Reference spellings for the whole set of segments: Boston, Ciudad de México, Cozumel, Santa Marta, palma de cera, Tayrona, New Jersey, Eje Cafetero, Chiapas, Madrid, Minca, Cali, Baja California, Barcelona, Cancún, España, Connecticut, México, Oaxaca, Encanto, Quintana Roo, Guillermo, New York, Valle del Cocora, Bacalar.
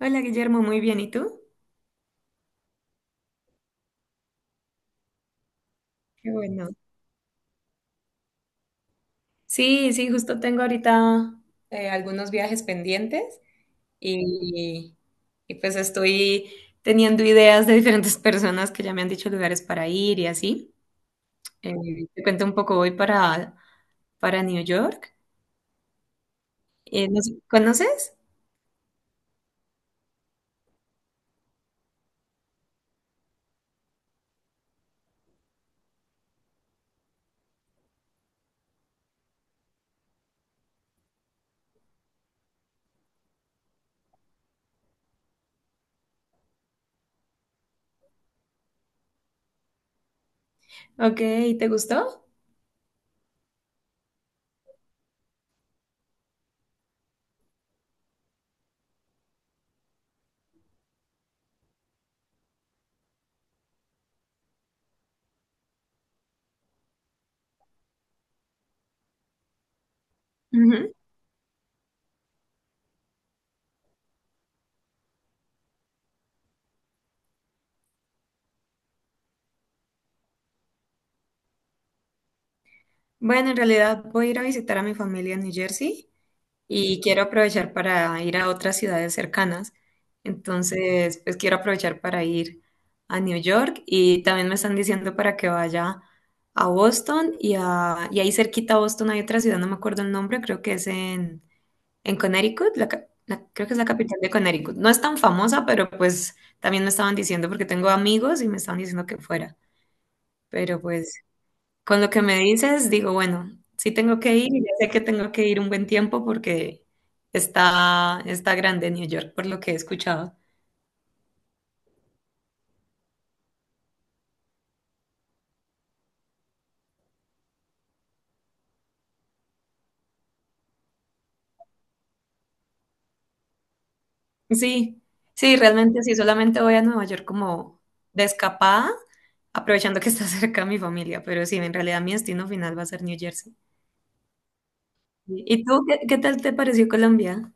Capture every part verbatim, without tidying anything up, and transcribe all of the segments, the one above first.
Hola Guillermo, muy bien. ¿Y tú? Qué bueno. Sí, sí, justo tengo ahorita eh, algunos viajes pendientes y, y pues estoy teniendo ideas de diferentes personas que ya me han dicho lugares para ir y así. Eh, Te cuento un poco, voy para, para New York. Eh, no sé, ¿conoces? Ok, ¿te gustó? Ujú. Bueno, en realidad voy a ir a visitar a mi familia en New Jersey y quiero aprovechar para ir a otras ciudades cercanas. Entonces, pues quiero aprovechar para ir a New York y también me están diciendo para que vaya a Boston y, a, y ahí cerquita a Boston hay otra ciudad, no me acuerdo el nombre, creo que es en, en Connecticut, la ca- la- creo que es la capital de Connecticut. No es tan famosa, pero pues también me estaban diciendo porque tengo amigos y me estaban diciendo que fuera. Pero pues con lo que me dices, digo, bueno, sí tengo que ir y ya sé que tengo que ir un buen tiempo porque está, está grande New York, por lo que he escuchado. Sí, sí, realmente sí, solamente voy a Nueva York como de escapada, aprovechando que está cerca mi familia, pero sí, en realidad mi destino final va a ser New Jersey. ¿Y tú qué, qué tal te pareció Colombia?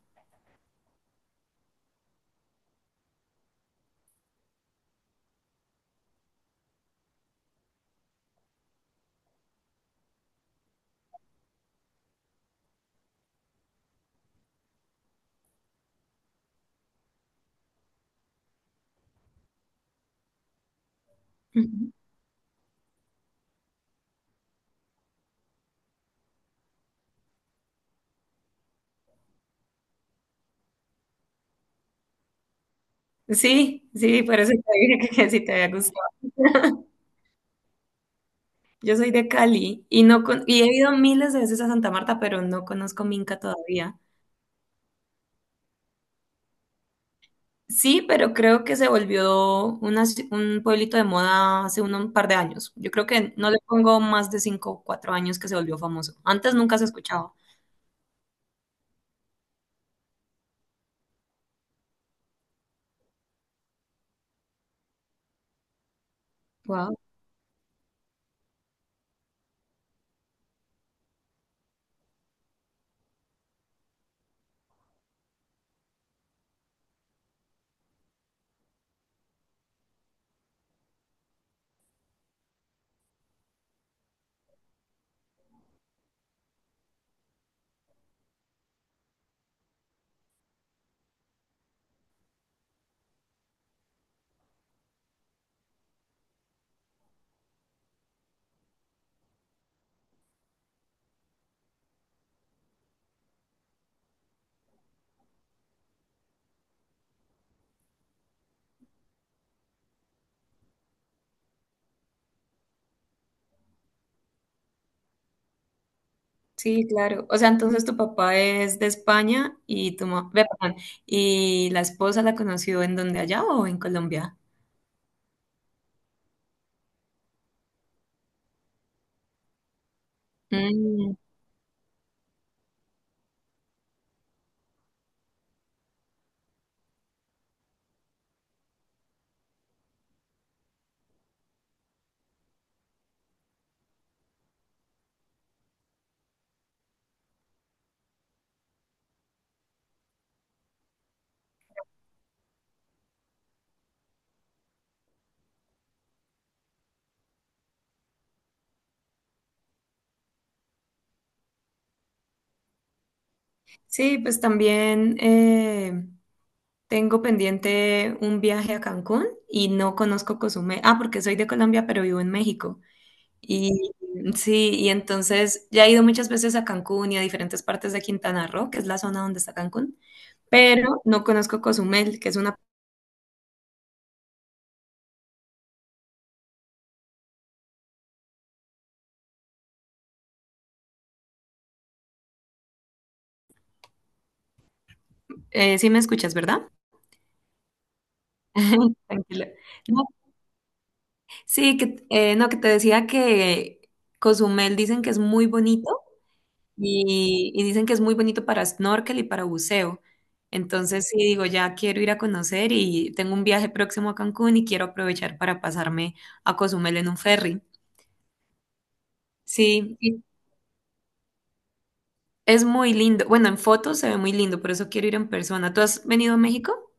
Ujú. Sí, sí, por eso te dije que, que sí te había gustado. Yo soy de Cali y no con- y he ido miles de veces a Santa Marta, pero no conozco Minca todavía. Sí, pero creo que se volvió una ci- un pueblito de moda hace un, un par de años. Yo creo que no le pongo más de cinco o cuatro años que se volvió famoso. Antes nunca se escuchaba. Wow. Sí, claro. O sea, entonces tu papá es de España y tu mamá, perdón, y la esposa la conoció en donde ¿allá o en Colombia? Mm, sí, pues también tengo pendiente un viaje a Cancún y no conozco Cozumel. Ah, porque soy de Colombia, pero vivo en México. Y sí, y entonces ya he ido muchas veces a Cancún y a diferentes partes de Quintana Roo, que es la zona donde está Cancún, pero no conozco Cozumel, que es una... Eh, sí me escuchas, ¿verdad? Tranquila. No, sí, que, eh, no, que te decía que Cozumel dicen que es muy bonito, Y, y dicen que es muy bonito para snorkel y para buceo. Entonces, sí, digo, ya quiero ir a conocer y tengo un viaje próximo a Cancún y quiero aprovechar para pasarme a Cozumel en un ferry. Sí, y es muy lindo. Bueno, en fotos se ve muy lindo, por eso quiero ir en persona. ¿Tú has venido a México?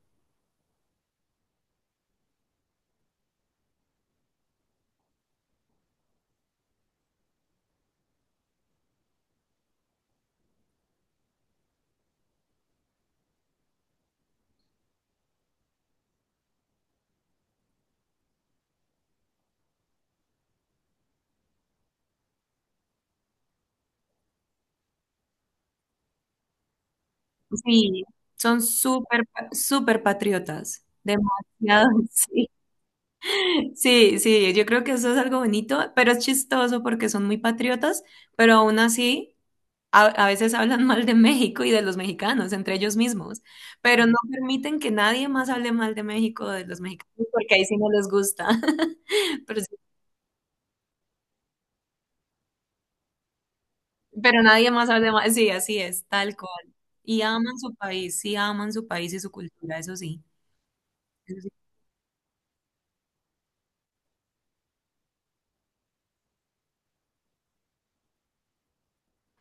Sí, son súper, pa- súper patriotas. Demasiado, sí. Sí, sí, yo creo que eso es algo bonito, pero es chistoso porque son muy patriotas, pero aún así a, a veces hablan mal de México y de los mexicanos entre ellos mismos, pero no permiten que nadie más hable mal de México o de los mexicanos porque ahí sí no les gusta. pero, sí- pero nadie más hable mal, sí, así es, tal cual. Y aman su país, sí, aman su país y su cultura, eso sí. Eso sí.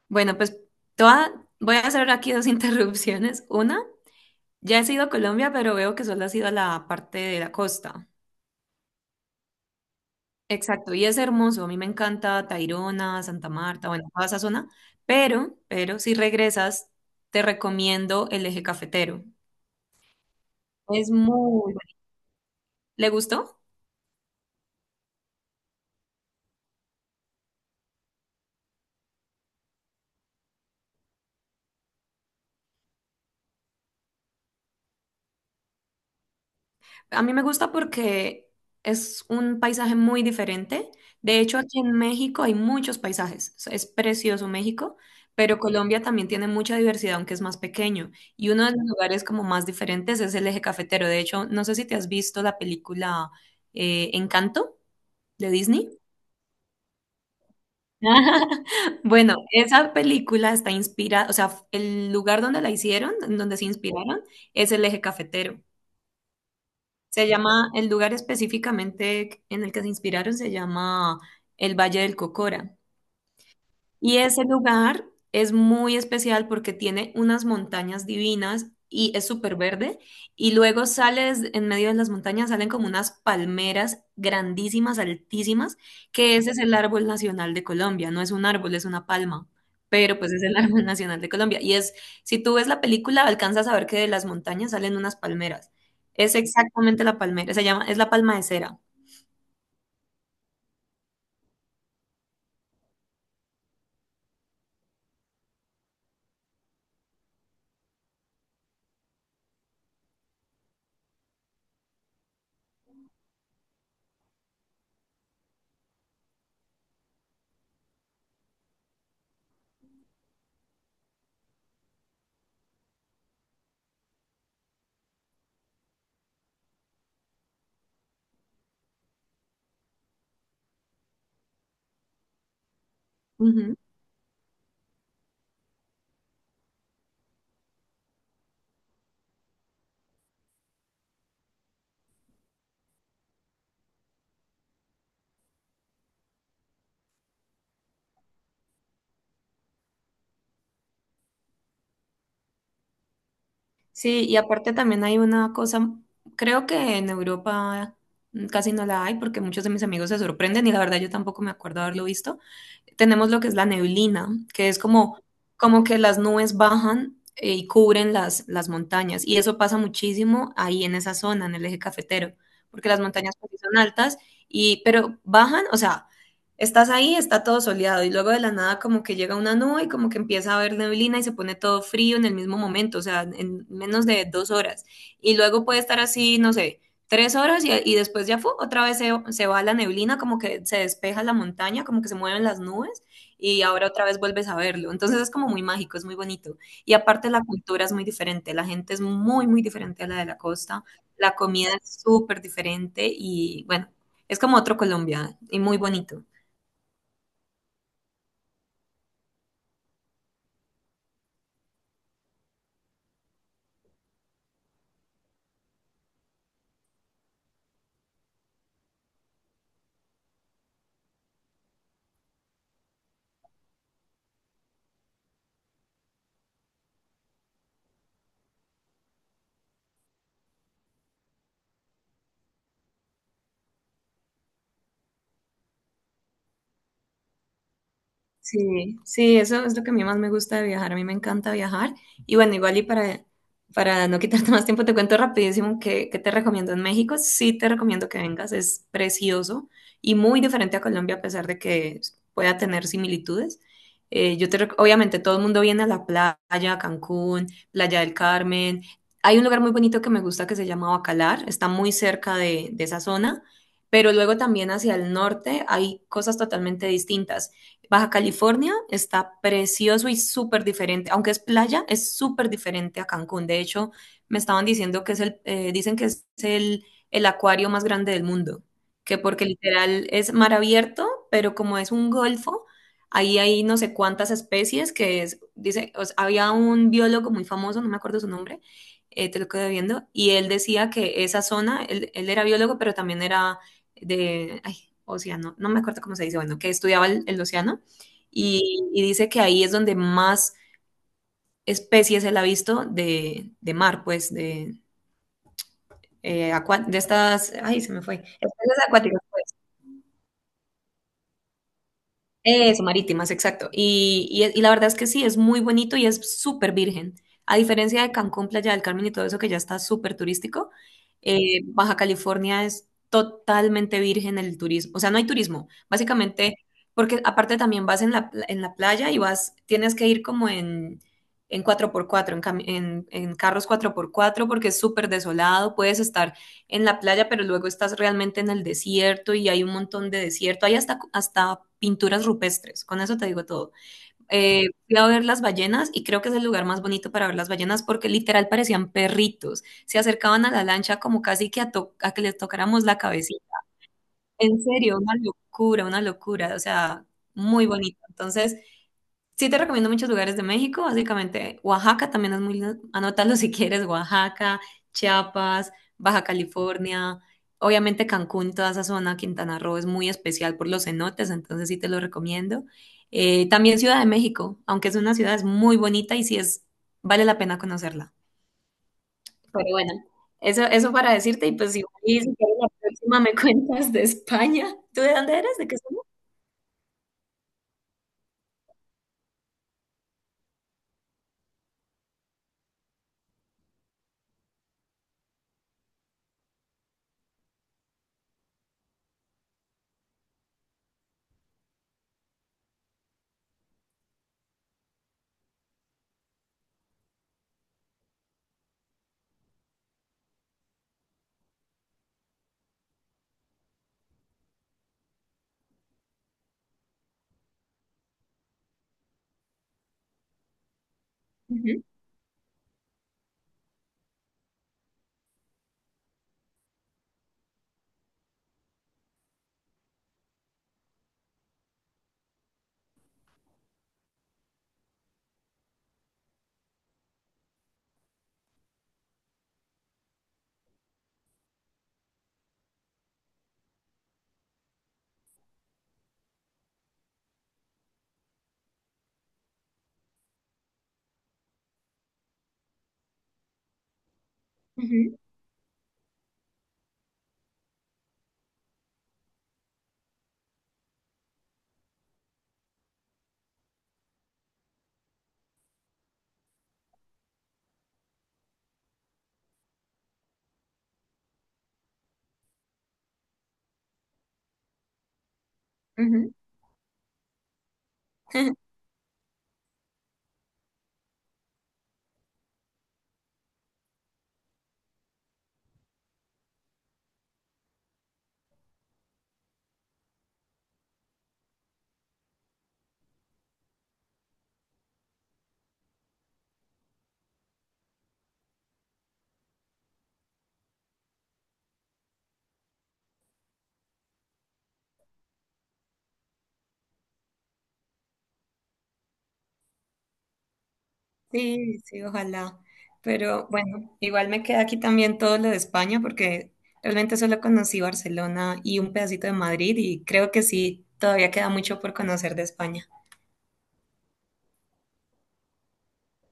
Bueno, pues toda, voy a hacer aquí dos interrupciones. Una. Ya he sido a Colombia, pero veo que solo has ido a la parte de la costa. Exacto, y es hermoso. A mí me encanta Tayrona, Santa Marta, bueno, toda esa zona. Pero, pero si regresas, te recomiendo el eje cafetero. Es muy bueno. ¿Le gustó? A mí me gusta porque es un paisaje muy diferente. De hecho, aquí en México hay muchos paisajes. O sea, es precioso México, pero Colombia también tiene mucha diversidad, aunque es más pequeño. Y uno de los lugares como más diferentes es el Eje Cafetero. De hecho, no sé si te has visto la película eh, Encanto de Disney. Bueno, esa película está inspirada, o sea, el lugar donde la hicieron, en donde se inspiraron, es el Eje Cafetero. Se llama, el lugar específicamente en el que se inspiraron se llama el Valle del Cocora. Y ese lugar es muy especial porque tiene unas montañas divinas y es súper verde. Y luego sales en medio de las montañas, salen como unas palmeras grandísimas, altísimas, que ese es el árbol nacional de Colombia. No es un árbol, es una palma, pero pues es el árbol nacional de Colombia. Y es, si tú ves la película, alcanzas a ver que de las montañas salen unas palmeras. Es exactamente la palmera, se llama, es la palma de cera. Ujú. Sí, y aparte también hay una cosa, creo que en Europa mm, casi no la hay porque muchos de mis amigos se sorprenden y la verdad yo tampoco me acuerdo haberlo visto. Tenemos lo que es la neblina, que es como, como que las nubes bajan eh, y cubren las, las montañas, y eso pasa muchísimo ahí en esa zona, en el eje cafetero, porque las montañas pues, sí son altas y pero bajan, o sea, estás ahí, está todo soleado y luego de la nada como que llega una nube y como que empieza a haber neblina y se pone todo frío en el mismo momento, o sea, en menos de dos horas. Y luego puede estar así, no sé, tres horas y, y después ya fue, otra vez se, se va la neblina, como que se despeja la montaña, como que se mueven las nubes y ahora otra vez vuelves a verlo. Entonces es como muy mágico, es muy bonito. Y aparte la cultura es muy diferente, la gente es muy, muy diferente a la de la costa, la comida es súper diferente y bueno, es como otro Colombia y muy bonito. Sí, sí, eso es lo que a mí más me gusta de viajar. A mí me encanta viajar. Y bueno, igual y para, para no quitarte más tiempo, te cuento rapidísimo que, que te recomiendo en México. Sí te recomiendo que vengas, es precioso y muy diferente a Colombia a pesar de que pueda tener similitudes. Eh, yo te, rec- obviamente todo el mundo viene a la playa, a Cancún, Playa del Carmen. Hay un lugar muy bonito que me gusta que se llama Bacalar, está muy cerca de de esa zona, pero luego también hacia el norte hay cosas totalmente distintas. Baja California está precioso y súper diferente, aunque es playa, es súper diferente a Cancún. De hecho, me estaban diciendo que es el, eh, dicen que es el, el acuario más grande del mundo, que porque literal es mar abierto, pero como es un golfo, ahí hay no sé cuántas especies que es, dice, o sea, había un biólogo muy famoso, no me acuerdo su nombre, eh, te lo quedo viendo, y él decía que esa zona, él, él era biólogo, pero también era de, ay, océano, no me acuerdo cómo se dice, bueno, que estudiaba el el océano y, y dice que ahí es donde más especies él ha visto de, de mar, pues, de, eh, acua- de estas, ay, se me fue, especies acuáticas. Eso, marítimas, exacto. Y, y- y la verdad es que sí, es muy bonito y es súper virgen. A diferencia de Cancún, Playa del Carmen y todo eso que ya está súper turístico, eh, Baja California es totalmente virgen el turismo. O sea, no hay turismo. Básicamente, porque aparte también vas en la, pla- en la playa y vas, tienes que ir como en, en cuatro por cuatro en, cami- en, en carros cuatro por cuatro porque es súper desolado. Puedes estar en la playa, pero luego estás realmente en el desierto y hay un montón de desierto. Hay hasta, hasta pinturas rupestres, con eso te digo todo. Eh, fui a ver las ballenas y creo que es el lugar más bonito para ver las ballenas porque literal parecían perritos. Se acercaban a la lancha como casi que a, to- a que les tocáramos la cabecita. En serio, una locura, una locura, o sea, muy bonito. Entonces, sí, te recomiendo muchos lugares de México, básicamente Oaxaca también es muy lindo, anótalo si quieres, Oaxaca, Chiapas, Baja California, obviamente Cancún, toda esa zona, Quintana Roo es muy especial por los cenotes, entonces sí te lo recomiendo. Eh, también Ciudad de México, aunque es una ciudad es muy bonita y sí es, vale la pena conocerla. Pero bueno, eso, eso para decirte y pues igual y si quieres la próxima me cuentas de España. ¿Tú de dónde eres? ¿De qué zona? Ujú, ujú, ujú. Sí, sí, ojalá. Pero bueno, igual me queda aquí también todo lo de España porque realmente solo conocí Barcelona y un pedacito de Madrid y creo que sí, todavía queda mucho por conocer de España.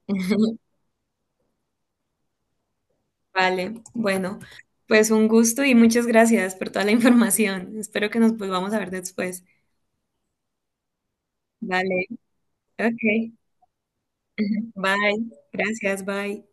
Vale, bueno, pues un gusto y muchas gracias por toda la información. Espero que nos volvamos a ver después. Vale, ok. Bye, gracias, bye.